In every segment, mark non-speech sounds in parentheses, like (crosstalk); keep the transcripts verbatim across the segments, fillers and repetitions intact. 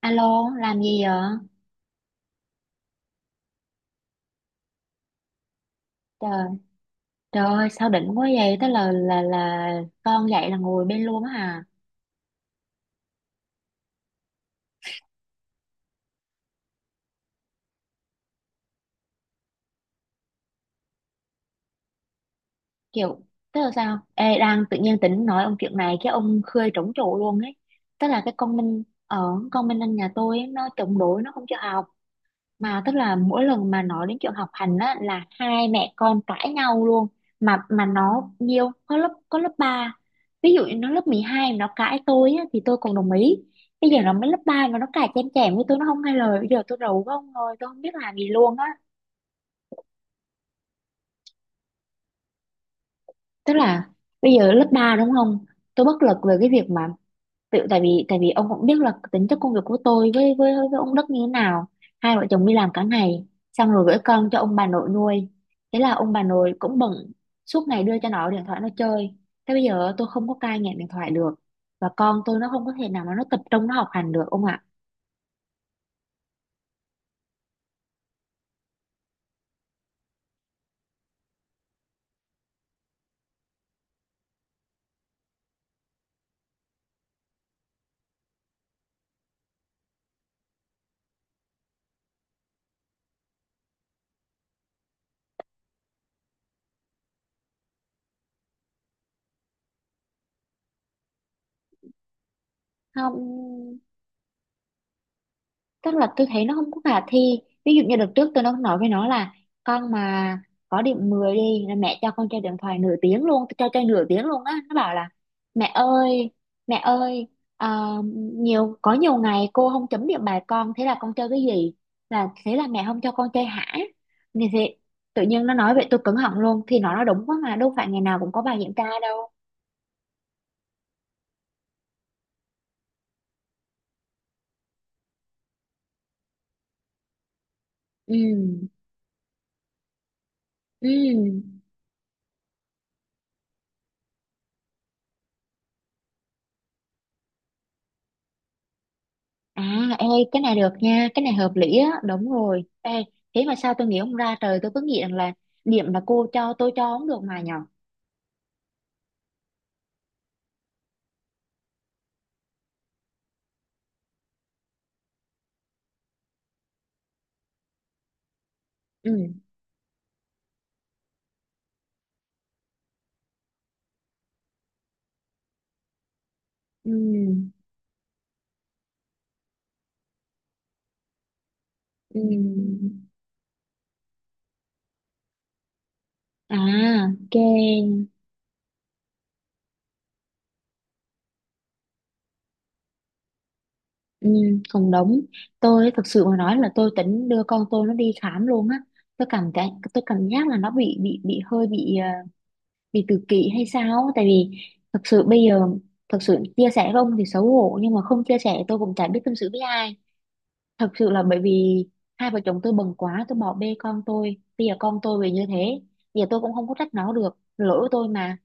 Alo, làm gì vậy? Trời, trời ơi, sao đỉnh quá vậy? Tức là là là con dậy là ngồi bên luôn á hả? Kiểu, tức là sao? Ê, đang tự nhiên tính nói ông chuyện này cái ông khơi trống trụ luôn ấy. Tức là cái con Minh ở Con Minh anh nhà tôi ấy, nó chống đối nó không cho học. Mà tức là mỗi lần mà nói đến chuyện học hành á là hai mẹ con cãi nhau luôn, mà mà nó nhiều có lớp có lớp ba ví dụ như nó lớp mười hai mà nó cãi tôi á, thì tôi còn đồng ý. Bây giờ nó mới lớp ba mà nó cãi chém chém với tôi, nó không nghe lời. Bây giờ tôi rầu quá ông ơi, tôi không biết làm gì luôn á. Tức là bây giờ lớp ba đúng không, tôi bất lực về cái việc mà tự tại vì tại vì ông cũng biết là tính chất công việc của tôi với với với ông Đức như thế nào. Hai vợ chồng đi làm cả ngày, xong rồi gửi con cho ông bà nội nuôi, thế là ông bà nội cũng bận, suốt ngày đưa cho nó điện thoại nó chơi. Thế bây giờ tôi không có cai nghiện điện thoại được, và con tôi nó không có thể nào mà nó tập trung nó học hành được ông ạ. Không, tức là tôi thấy nó không có khả thi. Ví dụ như đợt trước tôi nó nói với nó là con mà có điểm mười đi là mẹ cho con chơi điện thoại nửa tiếng luôn, tôi cho chơi nửa tiếng luôn á. Nó bảo là mẹ ơi, mẹ ơi, ờ, nhiều có nhiều ngày cô không chấm điểm bài con, thế là con chơi cái gì, là thế là mẹ không cho con chơi hả? Thì thế, tự nhiên nó nói vậy tôi cứng họng luôn, thì nó nói đúng quá mà, đâu phải ngày nào cũng có bài kiểm tra đâu. Ừ, ừ. À, ê, cái này được nha, cái này hợp lý á, đúng rồi. Ê, thế mà sao tôi nghĩ không ra trời, tôi cứ nghĩ rằng là điểm mà cô cho tôi cho không được mà nhở. Ừ, ừ, ừ. À, ok, ừ, cũng đúng. Tôi thực sự mà nói là tôi tính đưa con tôi nó đi khám luôn á. Tôi cảm cái, tôi cảm giác là nó bị bị bị hơi bị ờ, bị tự kỷ hay sao á. Tại vì thực sự bây giờ, thực sự chia sẻ với ông thì xấu hổ nhưng mà không chia sẻ tôi cũng chả biết tâm sự với ai. Thật sự là bởi vì hai vợ chồng tôi bận quá, tôi bỏ bê con tôi, bây giờ con tôi về như thế. Bây giờ tôi cũng không có trách nó được, lỗi của tôi mà.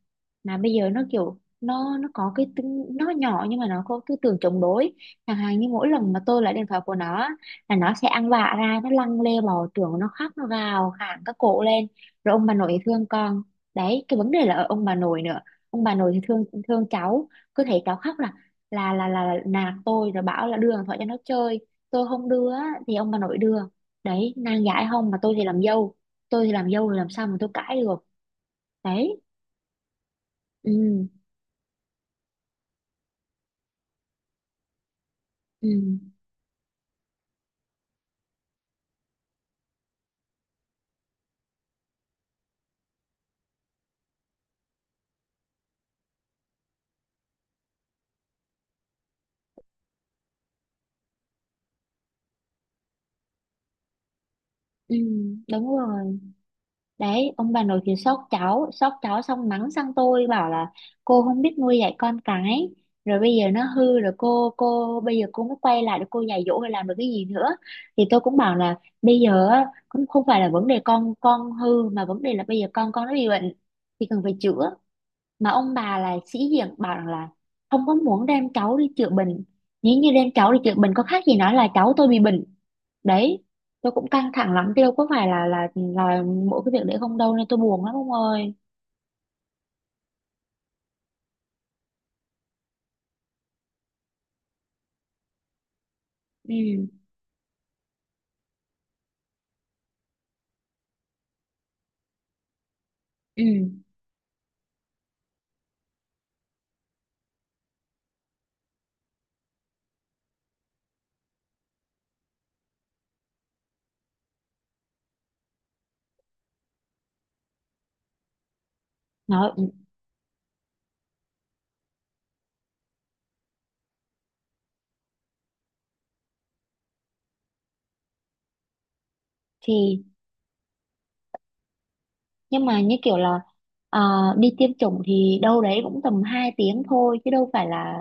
Mà bây giờ nó kiểu nó nó có cái tính nó nhỏ nhưng mà nó có tư tưởng chống đối. Chẳng hạn như mỗi lần mà tôi lấy điện thoại của nó á, là nó sẽ ăn vạ ra, nó lăn lê bò trưởng, nó khóc nó gào khản các cổ lên, rồi ông bà nội thì thương con. Đấy, cái vấn đề là ở ông bà nội nữa, ông bà nội thì thương thương cháu, cứ thấy cháu khóc là là là là, là nạt tôi rồi bảo là đưa điện thoại cho nó chơi. Tôi không đưa á, thì ông bà nội đưa. Đấy, nàng giải không mà tôi thì làm dâu, tôi thì làm dâu rồi làm sao mà tôi cãi được. Đấy. Ừ, ừ. Ừ, đúng rồi. Đấy, ông bà nội thì sốt cháu, sốt cháu xong mắng sang tôi bảo là cô không biết nuôi dạy con cái, rồi bây giờ nó hư rồi cô cô bây giờ cô mới quay lại để cô dạy dỗ hay làm được cái gì nữa. Thì tôi cũng bảo là bây giờ á, cũng không phải là vấn đề con con hư mà vấn đề là bây giờ con con nó bị bệnh thì cần phải chữa. Mà ông bà là sĩ diện bảo rằng là không có muốn đem cháu đi chữa bệnh, nếu như đem cháu đi chữa bệnh có khác gì nói là cháu tôi bị bệnh. Đấy, tôi cũng căng thẳng lắm tiêu, có phải là là là mỗi cái việc đấy không đâu nên tôi buồn lắm ông ơi. Ừ, ừ, nói thì. Nhưng mà như kiểu là à, đi tiêm chủng thì đâu đấy cũng tầm hai tiếng thôi chứ đâu phải là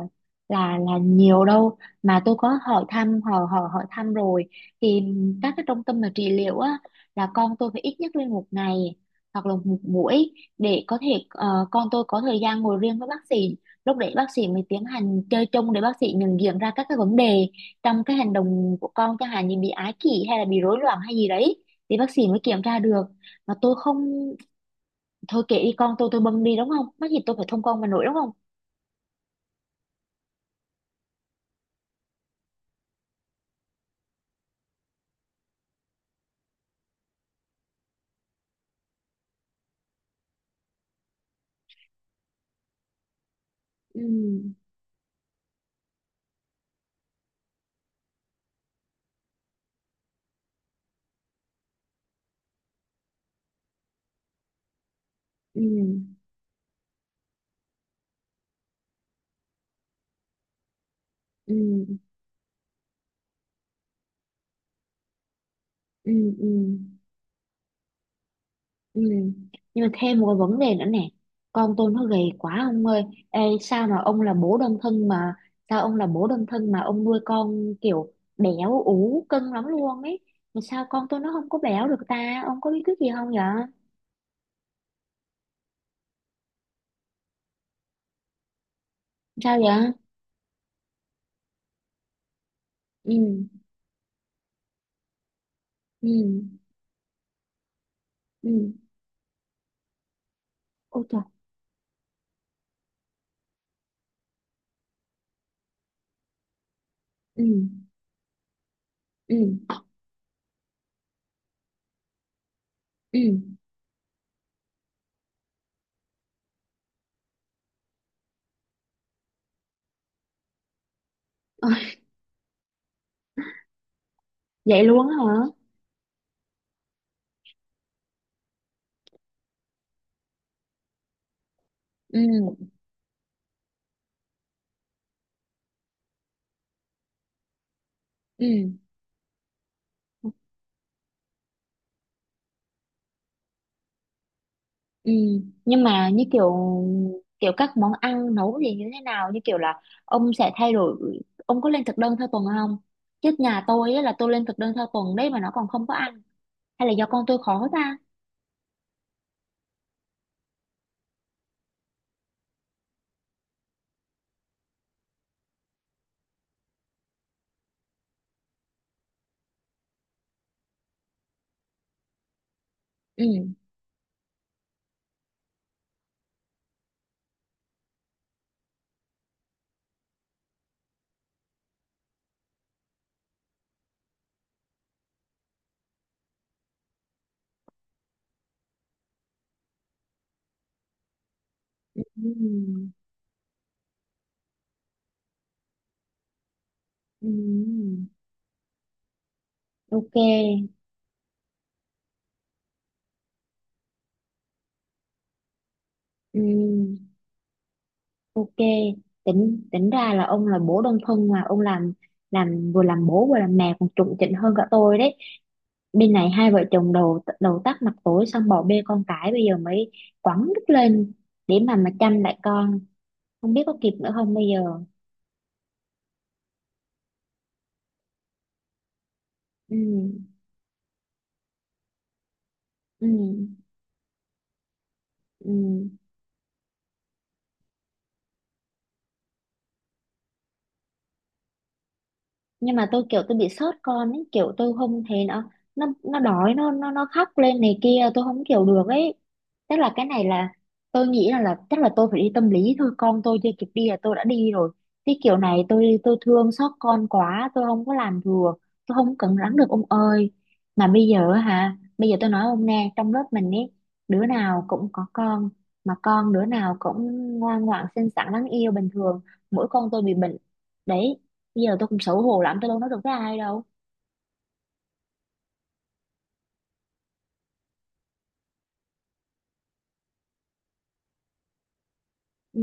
là là nhiều đâu. Mà tôi có hỏi thăm, hỏi hỏi hỏi thăm rồi thì các cái trung tâm mà trị liệu á là con tôi phải ít nhất lên một ngày hoặc là một buổi để có thể ờ, con tôi có thời gian ngồi riêng với bác sĩ. Lúc đấy bác sĩ mới tiến hành chơi chung để bác sĩ nhận diện ra các cái vấn đề trong cái hành động của con, chẳng hạn như bị ái kỷ hay là bị rối loạn hay gì đấy thì bác sĩ mới kiểm tra được. Mà tôi không, thôi kệ đi, con tôi tôi bưng đi đúng không, mắc gì tôi phải thông con mà nổi đúng không. Ừ, ừ, ừ, ừ, ừ, ừ. Nhưng mà thêm một cái vấn đề nữa nè, con tôi nó gầy quá ông ơi. Ê, sao mà ông là bố đơn thân mà, sao ông là bố đơn thân mà ông nuôi con kiểu béo ú cân lắm luôn ấy, mà sao con tôi nó không có béo được ta, ông có bí quyết gì không vậy? Sao vậy? Ừ, ừ, ừ, ôi trời, ừ, ừ, ừ. (laughs) Ôi, vậy luôn á hả? Ừ, ừ. Ừ, nhưng mà như kiểu, kiểu các món ăn nấu thì như thế nào, như kiểu là ông sẽ thay đổi, ông có lên thực đơn theo tuần không? Chứ nhà tôi á, là tôi lên thực đơn theo tuần đấy mà nó còn không có ăn. Hay là do con tôi khó ta? Ừ. Ừ. Ừ. Ok, ừ. Ok, tính tính ra là ông là bố đơn thân mà ông làm làm vừa làm bố vừa làm mẹ còn chuẩn chỉnh hơn cả tôi đấy. Bên này hai vợ chồng đầu đầu tắt mặt tối xong bỏ bê con cái, bây giờ mới quẳng đứt lên để mà mà chăm lại con, không biết có kịp nữa không bây giờ. Ừ, ừ, ừ. Nhưng mà tôi kiểu tôi bị sót con ấy, kiểu tôi không thấy nó nó nó đói nó nó nó khóc lên này kia tôi không kiểu được ấy. Tức là cái này là tôi nghĩ là là chắc là tôi phải đi tâm lý thôi, con tôi chưa kịp đi là tôi đã đi rồi. Cái kiểu này tôi tôi thương xót con quá tôi không có làm được, tôi không cẩn lắng được ông ơi. Mà bây giờ hả, bây giờ tôi nói ông nghe trong lớp mình ấy, đứa nào cũng có con mà con đứa nào cũng ngoan ngoãn xinh xắn đáng yêu bình thường, mỗi con tôi bị bệnh. Đấy, bây giờ tôi cũng xấu hổ lắm, tôi đâu nói được với ai đâu. Ừ,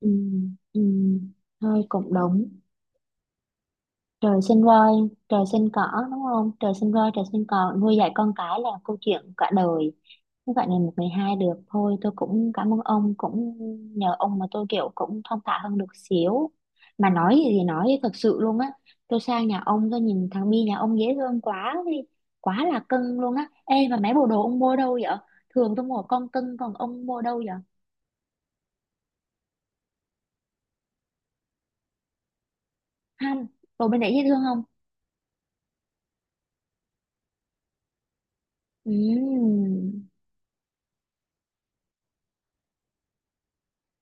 ừ, ừ, thôi cũng đúng. Trời sinh voi, trời sinh cỏ, đúng không, trời sinh voi, trời sinh cỏ, nuôi dạy con cái là câu chuyện cả đời, không phải ngày một ngày hai được. Thôi tôi cũng cảm ơn ông, cũng nhờ ông mà tôi kiểu cũng thong thả hơn được xíu. Mà nói gì thì nói, thật sự luôn á, tôi sang nhà ông tôi nhìn thằng Bi nhà ông dễ thương quá đi, quá là cưng luôn á. Ê mà mấy bộ đồ ông mua đâu vậy? Thường tôi mua con cưng, còn ông mua đâu vậy? Không, đồ bên đấy dễ thương không? Ừm.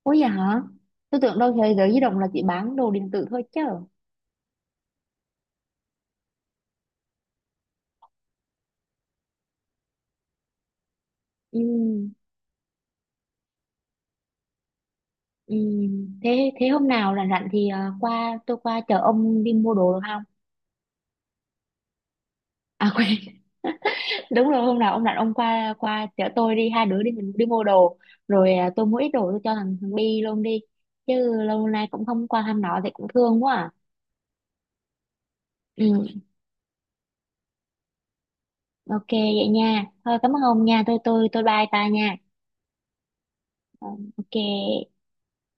Ủa vậy hả? Tôi tưởng đâu thế giới di động là chỉ bán đồ điện tử thôi chứ. Ừm, ừm, Thế thế hôm nào rảnh rảnh thì à, qua tôi qua chở ông đi mua đồ được không? À quên, (laughs) đúng rồi, hôm nào ông rảnh ông qua, qua chở tôi đi, hai đứa đi, mình đi mua đồ rồi à, tôi mua ít đồ tôi cho thằng thằng Bi luôn đi, chứ lâu nay cũng không qua thăm nó thì cũng thương quá à. Ừ, ok vậy nha. Thôi cảm ơn ông nha. Tôi tôi tôi bye ta nha. Ờ, ok.